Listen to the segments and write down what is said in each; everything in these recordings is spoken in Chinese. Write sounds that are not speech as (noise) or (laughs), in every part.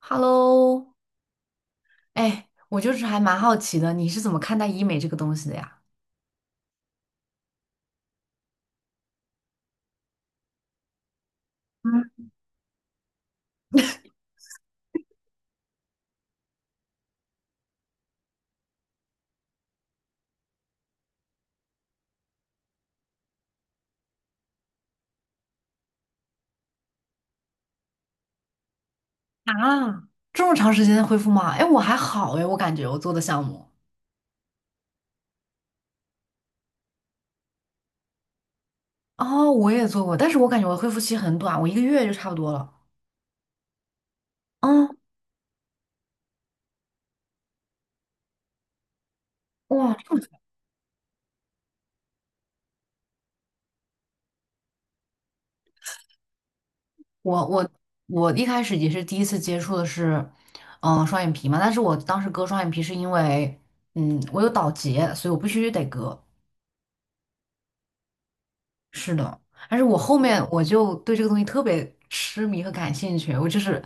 Hello，哎，我就是还蛮好奇的，你是怎么看待医美这个东西的呀？嗯，啊，这么长时间恢复吗？哎，我还好哎，我感觉我做的项目，哦，我也做过，但是我感觉我的恢复期很短，我一个月就差不多了。嗯，哇，(clears throat) 这么我我我一开始也是第一次接触的是，双眼皮嘛，但是我当时割双眼皮是因为，嗯，我有倒睫，所以我必须得割。是的，但是我后面我就对这个东西特别痴迷和感兴趣，我就是，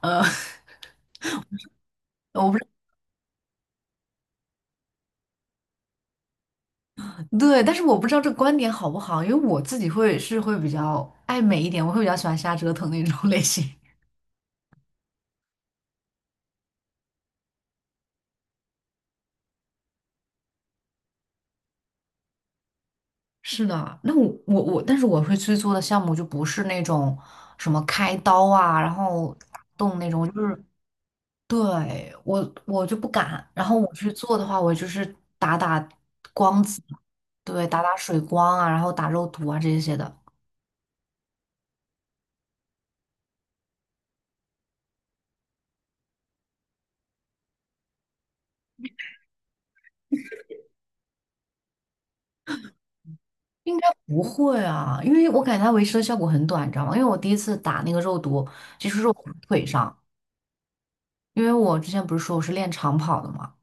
呃，(laughs) 我不知对，但是我不知道这个观点好不好，因为我自己会是会比较爱美一点，我会比较喜欢瞎折腾那种 (laughs) 类型。是的，那我，但是我会去做的项目就不是那种什么开刀啊，然后打洞那种，就是对我就不敢。然后我去做的话，我就是打光子，对，打水光啊，然后打肉毒啊这些的。应该不会啊，因为我感觉它维持的效果很短，你知道吗？因为我第一次打那个肉毒，其实是打腿上，因为我之前不是说我是练长跑的嘛，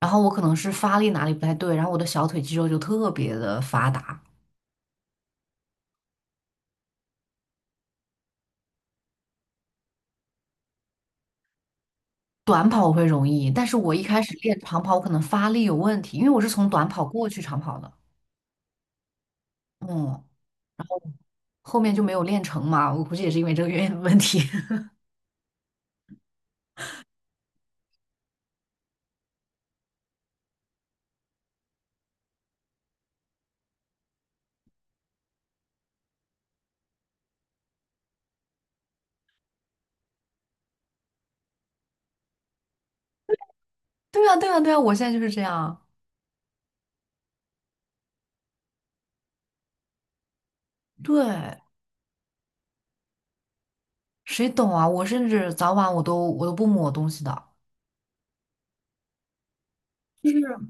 然后我可能是发力哪里不太对，然后我的小腿肌肉就特别的发达。短跑我会容易，但是我一开始练长跑，我可能发力有问题，因为我是从短跑过去长跑的，嗯，后面就没有练成嘛，我估计也是因为这个原因的问题。(laughs) 对啊，对啊，对啊，我现在就是这样。对，谁懂啊？我甚至早晚我都不抹东西的。(laughs)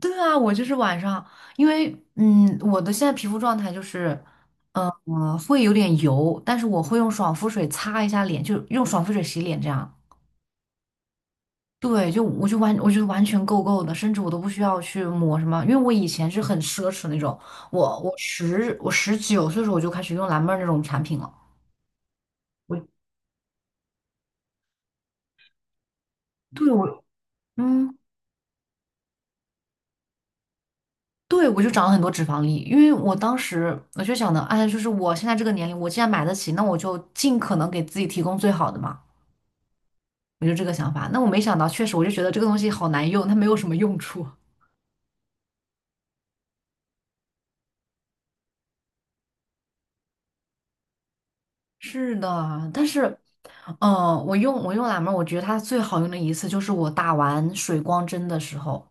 对啊，我就是晚上，因为我的现在皮肤状态就是，会有点油，但是我会用爽肤水擦一下脸，就用爽肤水洗脸这样。对，就我就完，我觉得完全够够的，甚至我都不需要去抹什么，因为我以前是很奢侈那种，我十九岁的时候我就开始用蓝妹儿那种产品了，我对，嗯。对，我就长了很多脂肪粒，因为我当时我就想的，哎，就是我现在这个年龄，我既然买得起，那我就尽可能给自己提供最好的嘛。我就这个想法。那我没想到，确实我就觉得这个东西好难用，它没有什么用处。是的，但是，我用蓝莓儿我觉得它最好用的一次就是我打完水光针的时候，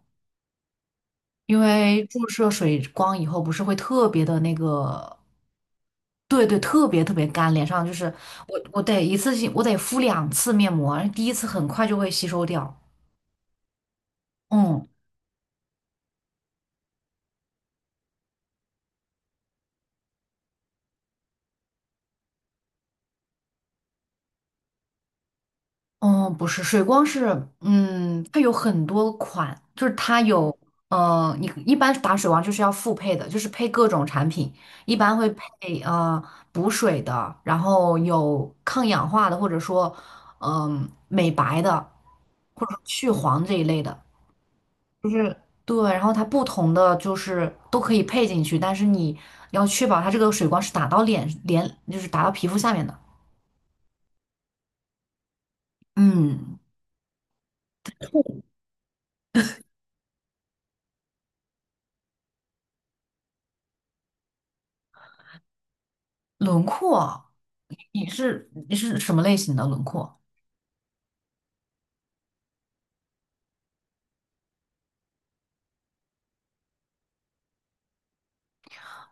因为注射水光以后不是会特别的那个，对对，特别特别干，脸上就是我得一次性敷两次面膜，第一次很快就会吸收掉。嗯，嗯，不是，水光是，嗯，它有很多款，就是它有，你一般打水光就是要复配的，就是配各种产品，一般会配补水的，然后有抗氧化的，或者说，美白的，或者说去黄这一类的，就是对，然后它不同的就是都可以配进去，但是你要确保它这个水光是打到脸，就是打到皮肤下面的，嗯，轮廓。你是什么类型的轮廓？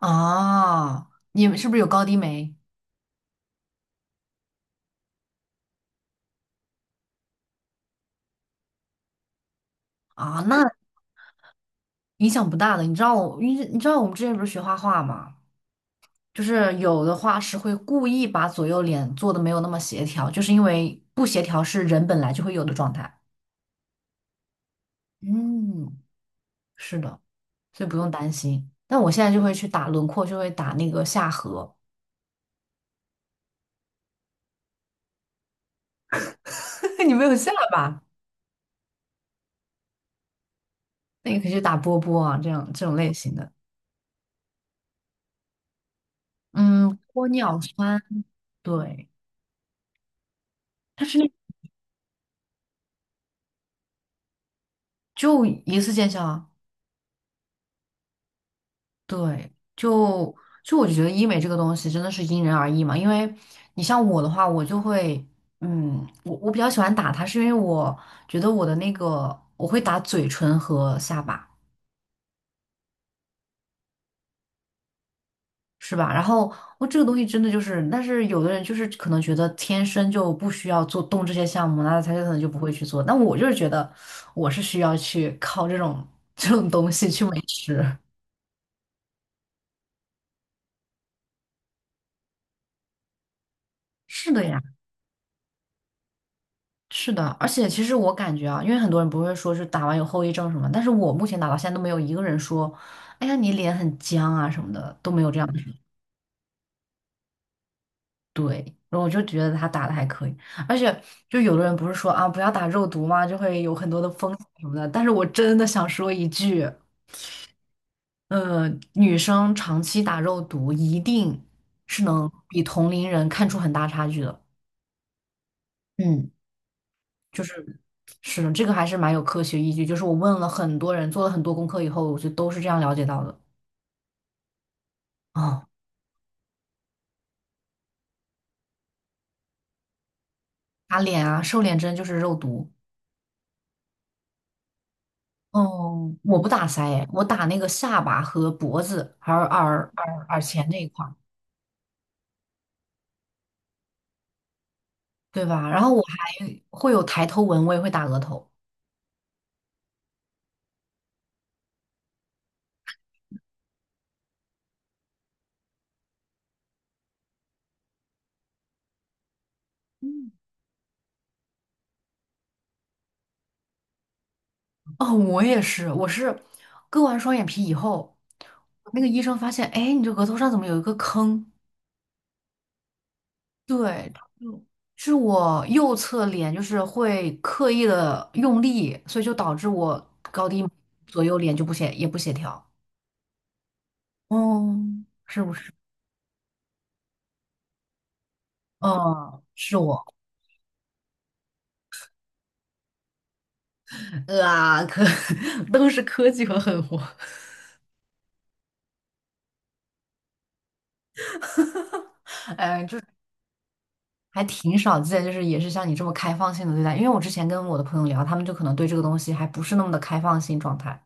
啊，你们是不是有高低眉啊？那影响不大的。你知道我们之前不是学画画吗？就是有的画师会故意把左右脸做的没有那么协调，就是因为不协调是人本来就会有的状态。嗯，是的，所以不用担心。但我现在就会去打轮廓，就会打那个下颌。(laughs) 你没有下巴，那你可以去打波波啊，这样这种类型的。嗯，玻尿酸，对。它是那。就一次见效啊，对，就我就觉得医美这个东西真的是因人而异嘛，因为你像我的话，我就会，嗯，我比较喜欢打它，是因为我觉得我的那个我会打嘴唇和下巴，是吧？然后我这个东西真的就是，但是有的人就是可能觉得天生就不需要做动这些项目，那他就可能就不会去做。但我就是觉得我是需要去靠这种 (laughs) 这种东西去维持。是的呀。是的，而且其实我感觉啊，因为很多人不会说是打完有后遗症什么，但是我目前打到现在都没有一个人说，哎呀你脸很僵啊什么的，都没有这样的人对，然后我就觉得他打的还可以，而且就有的人不是说啊不要打肉毒嘛，就会有很多的风险什么的，但是我真的想说一句，呃，女生长期打肉毒一定是能比同龄人看出很大差距的。嗯。就是是的，这个还是蛮有科学依据。就是我问了很多人，做了很多功课以后，我就都是这样了解到的。哦，打脸啊，瘦脸针就是肉毒。哦，我不打腮诶我打那个下巴和脖子，还有耳前那一块儿，对吧？然后我还会有抬头纹，我也会打额头。哦，我也是，我是割完双眼皮以后，那个医生发现，哎，你这额头上怎么有一个坑？对，就是我右侧脸就是会刻意的用力，所以就导致我高低左右脸就不协调，嗯，是不是？嗯，是我，啊，(laughs) 都是科技和狠活，(laughs) 还挺少见，就是也是像你这么开放性的对待。因为我之前跟我的朋友聊，他们就可能对这个东西还不是那么的开放性状态。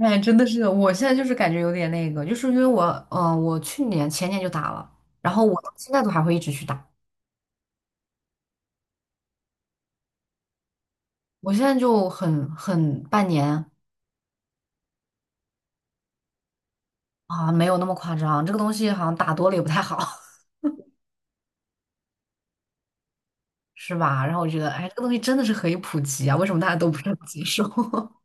哎，真的是，我现在就是感觉有点那个，就是因为我，我去年前年就打了，然后我到现在都还会一直去打。我现在就半年啊，没有那么夸张。这个东西好像打多了也不太好，(laughs) 是吧？然后我觉得，哎，这个东西真的是可以普及啊，为什么大家都不是很接受？(laughs)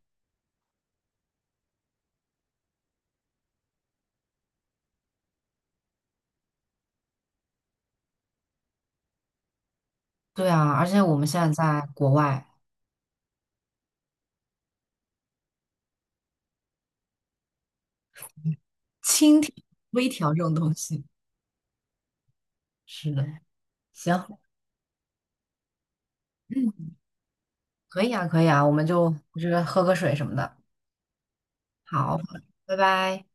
对啊，而且我们现在在国外，轻调、微调这种东西，是的。行，嗯，可以啊，可以啊，我们就我觉得喝个水什么的。好，拜拜。